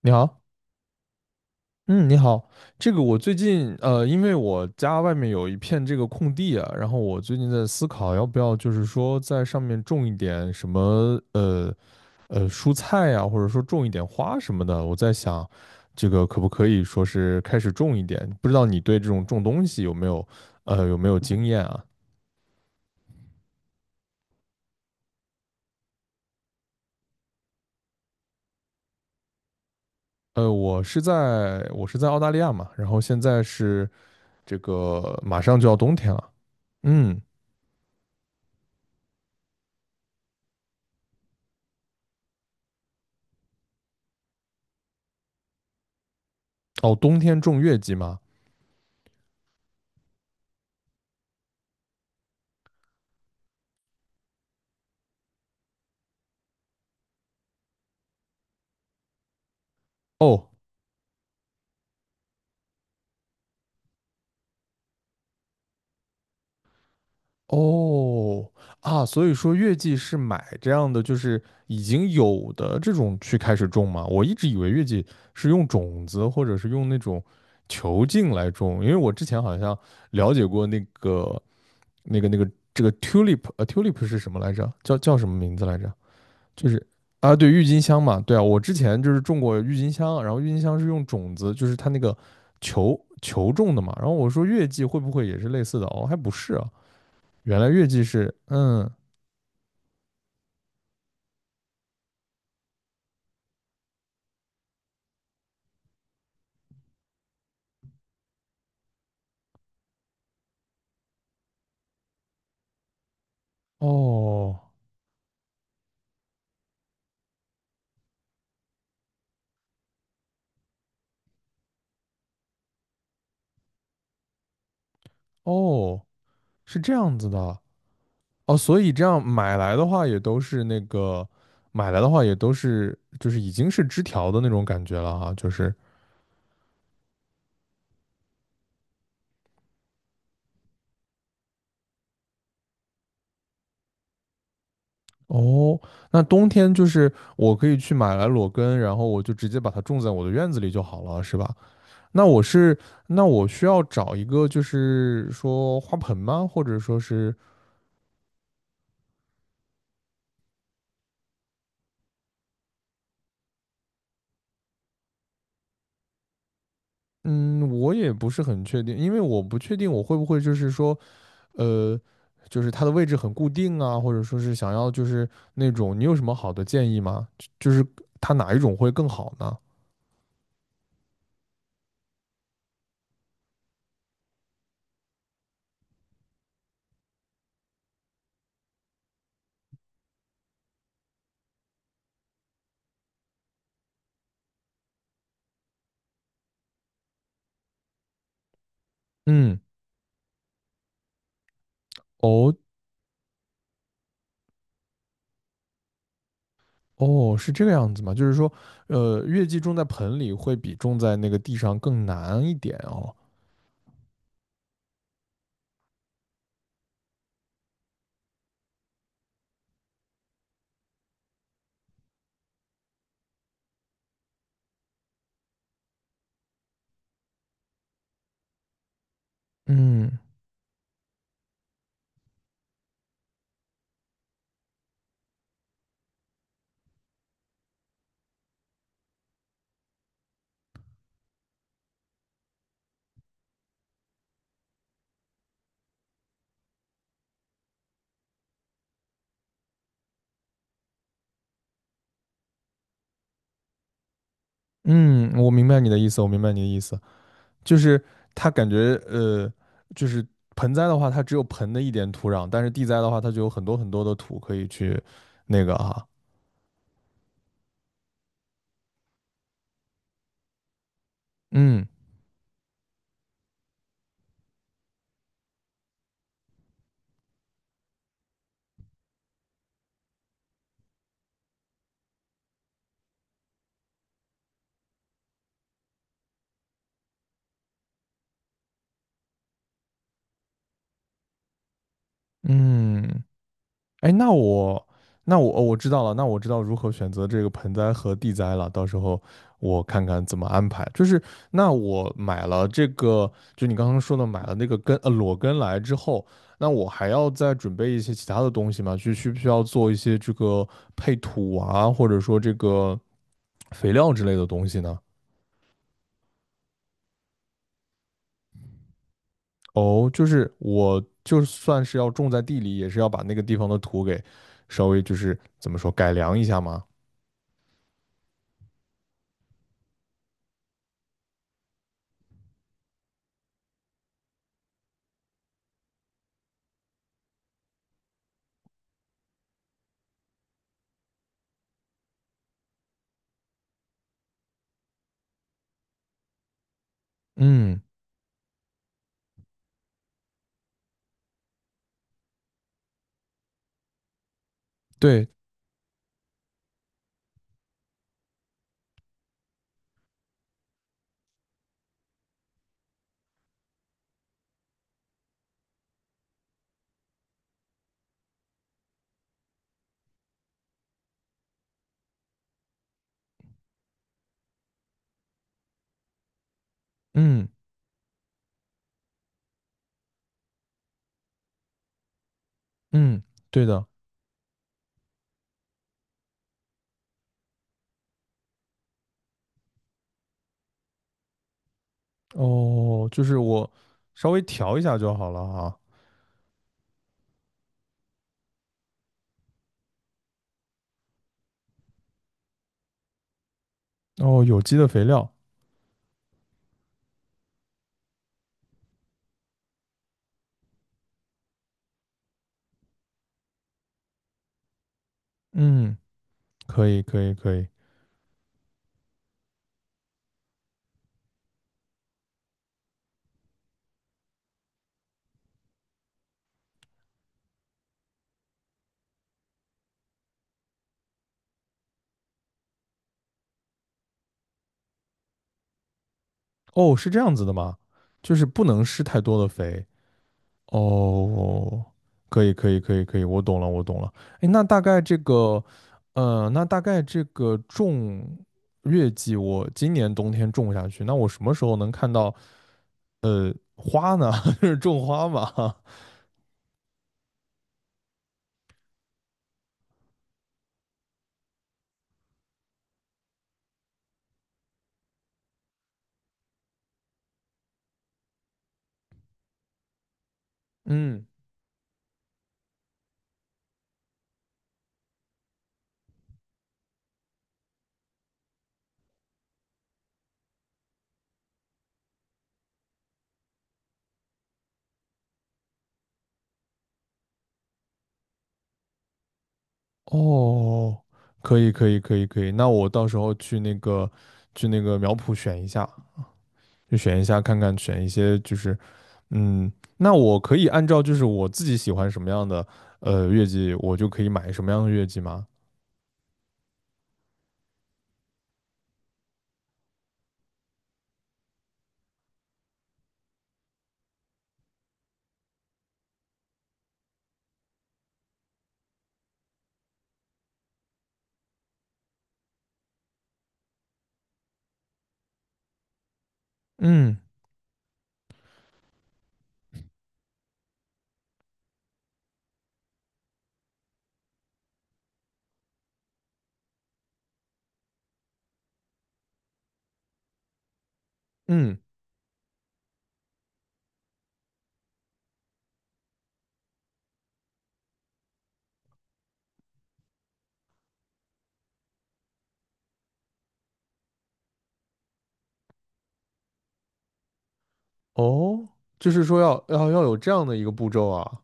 你好，嗯，你好，这个我最近因为我家外面有一片这个空地啊，然后我最近在思考要不要就是说在上面种一点什么蔬菜呀、或者说种一点花什么的。我在想，这个可不可以说是开始种一点？不知道你对这种种东西有没有，有没有经验啊？我是在我是在澳大利亚嘛，然后现在是这个马上就要冬天了。嗯。哦，冬天种月季吗？哦。哦，啊，所以说月季是买这样的，就是已经有的这种去开始种吗？我一直以为月季是用种子或者是用那种球茎来种，因为我之前好像了解过那个这个 tulip，tulip 是什么来着？叫什么名字来着？就是啊，对，郁金香嘛，对啊，我之前就是种过郁金香，然后郁金香是用种子，就是它那个球种的嘛，然后我说月季会不会也是类似的？哦，还不是啊。原来月季是，嗯。哦。哦，是这样子的。哦，所以这样买来的话也都是那个，买来的话也都是，就是已经是枝条的那种感觉了哈。就是，哦，那冬天就是我可以去买来裸根，然后我就直接把它种在我的院子里就好了，是吧？那我是，那我需要找一个就是说花盆吗？或者说是，嗯，我也不是很确定，因为我不确定我会不会就是说。呃，就是它的位置很固定啊，或者说是想要就是那种，你有什么好的建议吗？就是它哪一种会更好呢？嗯。哦，哦，是这个样子吗？就是说，呃，月季种在盆里会比种在那个地上更难一点哦。嗯。嗯，我明白你的意思，我明白你的意思，就是它感觉就是盆栽的话，它只有盆的一点土壤，但是地栽的话，它就有很多很多的土可以去那个哈、嗯。嗯。哎，那我那我哦我知道了，那我知道如何选择这个盆栽和地栽了。到时候我看看怎么安排。就是那我买了这个，就你刚刚说的买了那个根裸根来之后，那我还要再准备一些其他的东西吗？就需不需要做一些这个配土啊，或者说这个肥料之类的东西呢？哦，就是我就算是要种在地里，也是要把那个地方的土给稍微就是怎么说改良一下吗？嗯，对。嗯。嗯，对的。哦，就是我稍微调一下就好了哈。哦，有机的肥料，嗯，可以可以可以。哦，是这样子的吗？就是不能施太多的肥。哦，可以可以可以可以，我懂了我懂了。哎，那大概这个，呃，那大概这个种月季，我今年冬天种下去，那我什么时候能看到花呢？就是种花嘛。嗯。哦，可以可以可以可以，那我到时候去那个去那个苗圃选一下，就选一下看看，选一些就是，嗯，那我可以按照就是我自己喜欢什么样的呃月季，我就可以买什么样的月季吗？嗯。嗯，哦，就是说要要要有这样的一个步骤啊，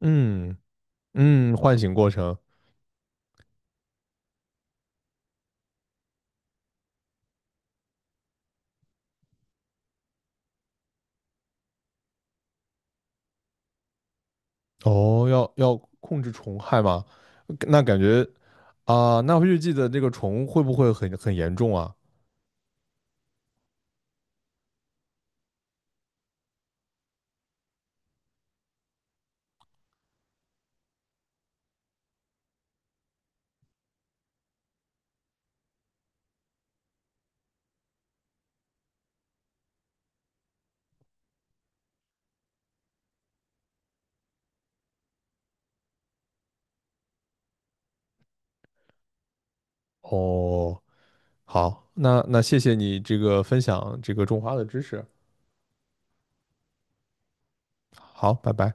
嗯。嗯，唤醒过程。哦，要要控制虫害吗？那感觉啊，那月季的这个虫会不会很很严重啊？哦，好，那那谢谢你这个分享这个种花的知识，好，拜拜。